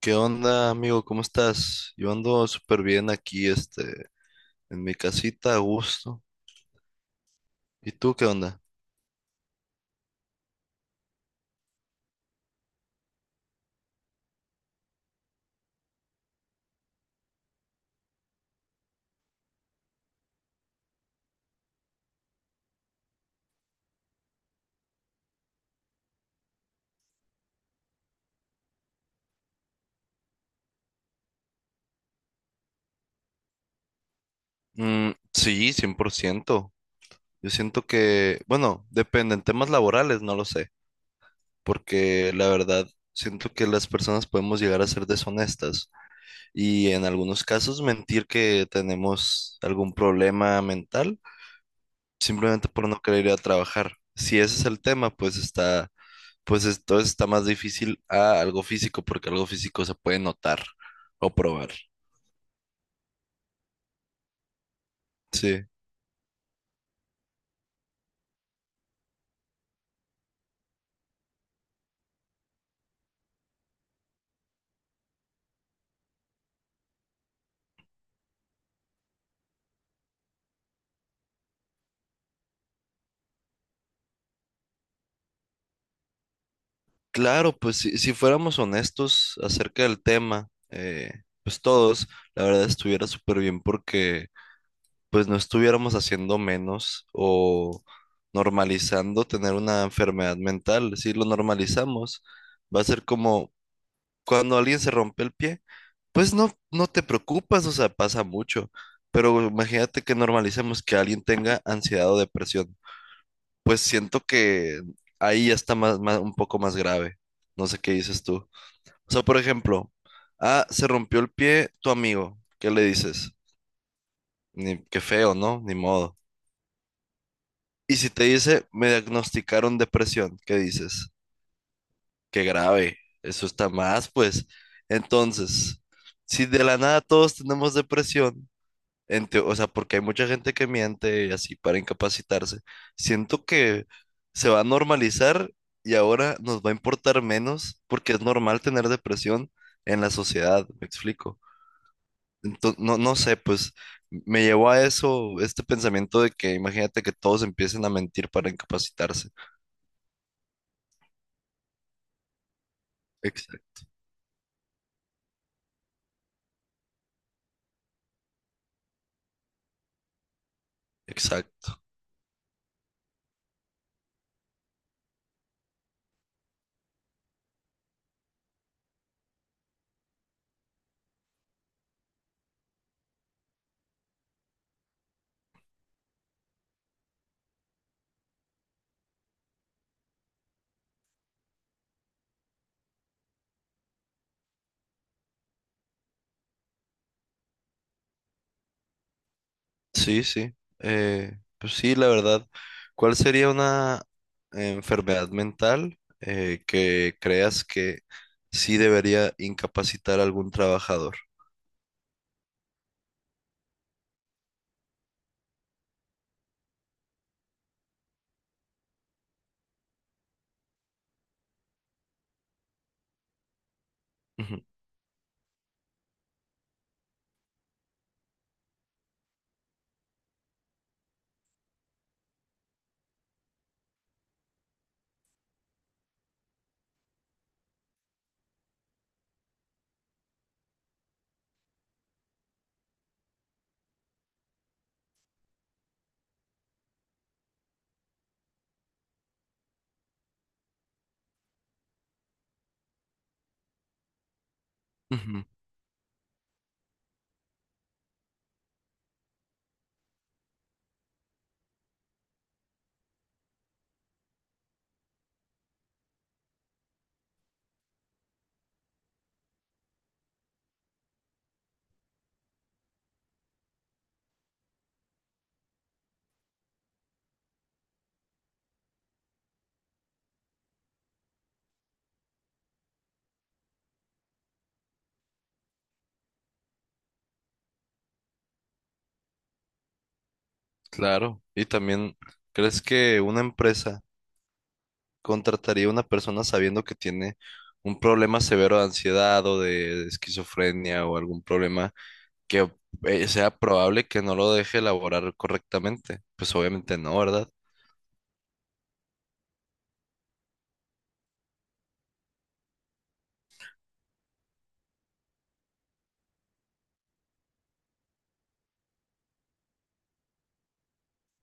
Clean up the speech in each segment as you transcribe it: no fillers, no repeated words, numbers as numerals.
¿Qué onda, amigo? ¿Cómo estás? Yo ando súper bien aquí, en mi casita, a gusto. ¿Y tú qué onda? Mm, sí, 100%. Yo siento que, bueno, depende, en temas laborales no lo sé, porque la verdad siento que las personas podemos llegar a ser deshonestas y en algunos casos mentir que tenemos algún problema mental simplemente por no querer ir a trabajar. Si ese es el tema, pues entonces está más difícil a algo físico, porque algo físico se puede notar o probar. Sí. Claro, pues si fuéramos honestos acerca del tema, pues todos, la verdad estuviera súper bien porque pues no estuviéramos haciendo menos o normalizando tener una enfermedad mental. Si lo normalizamos, va a ser como cuando alguien se rompe el pie, pues no, no te preocupas, o sea, pasa mucho. Pero imagínate que normalicemos que alguien tenga ansiedad o depresión. Pues siento que ahí ya está más, un poco más grave. No sé qué dices tú. O sea, por ejemplo, ah, se rompió el pie tu amigo. ¿Qué le dices? Ni, qué feo, ¿no? Ni modo. Y si te dice, me diagnosticaron depresión, ¿qué dices? Qué grave. Eso está más, pues. Entonces, si de la nada todos tenemos depresión, o sea, porque hay mucha gente que miente y así para incapacitarse. Siento que se va a normalizar y ahora nos va a importar menos porque es normal tener depresión en la sociedad, me explico. Entonces, no, no sé, pues me llevó a eso, este pensamiento de que imagínate que todos empiecen a mentir para incapacitarse. Exacto. Sí, sí. Eh, pues sí, la verdad. ¿Cuál sería una enfermedad mental que creas que sí debería incapacitar a algún trabajador? Ujú, ujú. Claro. Y también, ¿crees que una empresa contrataría a una persona sabiendo que tiene un problema severo de ansiedad o de esquizofrenia o algún problema que sea probable que no lo deje elaborar correctamente? Pues obviamente no, ¿verdad?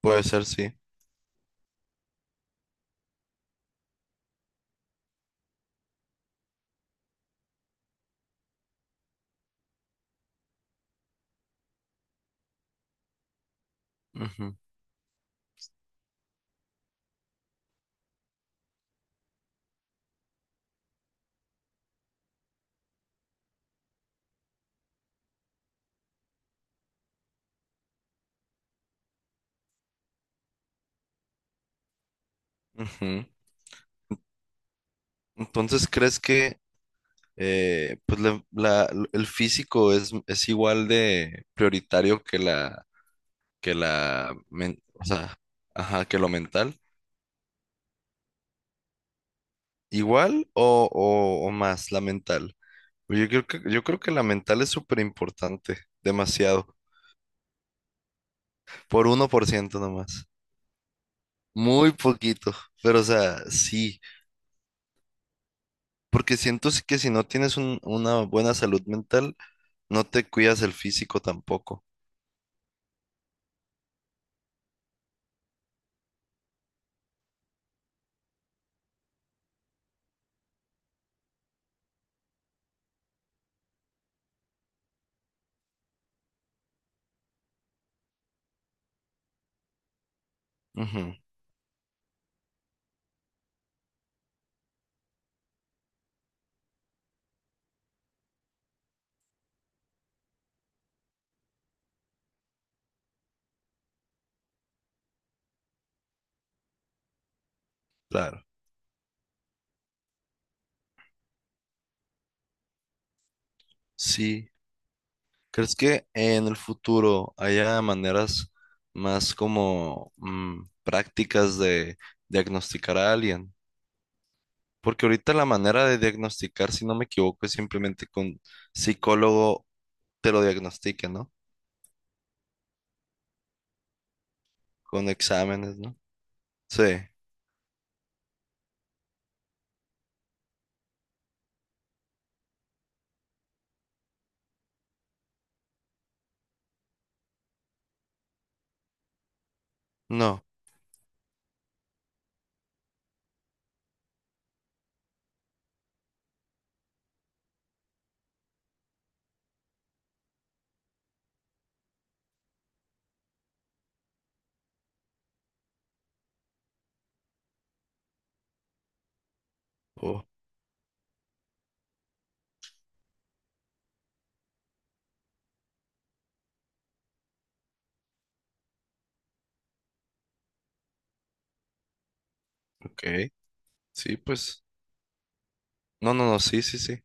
Puede ser, sí. Ujú. Ujú. Entonces, ¿crees que pues el físico es igual de prioritario que la, o sea, ajá, ¿que lo mental? ¿Igual o, o más la mental? Yo creo que la mental es súper importante, demasiado, por 1% nomás, muy poquito, pero o sea, sí, porque siento que si no tienes una buena salud mental, no te cuidas el físico tampoco. Ujú, claro. Sí, ¿crees que en el futuro haya maneras más como prácticas de diagnosticar a alguien? Porque ahorita la manera de diagnosticar, si no me equivoco, es simplemente con psicólogo te lo diagnostique, ¿no? Con exámenes, ¿no? Sí, no. Oh, ok, sí, pues. No, no, no, sí, sí, sí.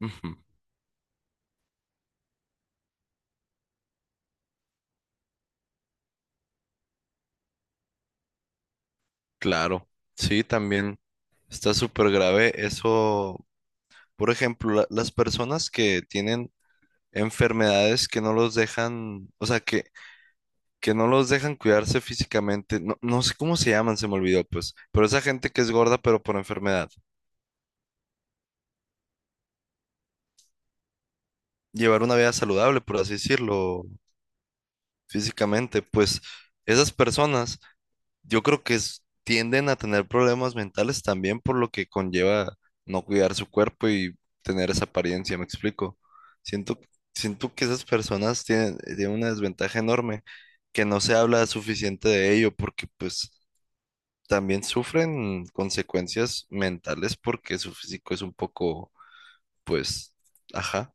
Ujú. Claro, sí, también está súper grave eso. Por ejemplo, las personas que tienen enfermedades que no los dejan, o sea, que no los dejan cuidarse físicamente. No, no sé cómo se llaman, se me olvidó, pues. Pero esa gente que es gorda, pero por enfermedad. Llevar una vida saludable, por así decirlo, físicamente, pues esas personas, yo creo que tienden a tener problemas mentales también por lo que conlleva no cuidar su cuerpo y tener esa apariencia, ¿me explico? Siento, siento que esas personas tienen una desventaja enorme que no se habla suficiente de ello porque pues también sufren consecuencias mentales porque su físico es un poco, pues, ajá,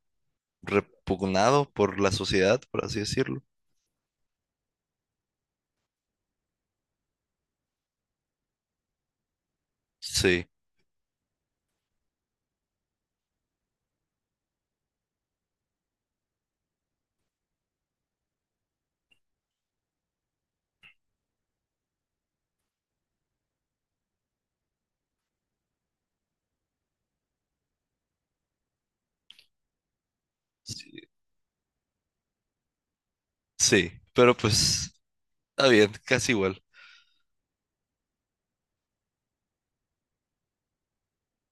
repugnado por la sociedad, por así decirlo. Sí, sí, sí, pero pues está bien, casi igual.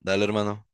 Dale, hermano.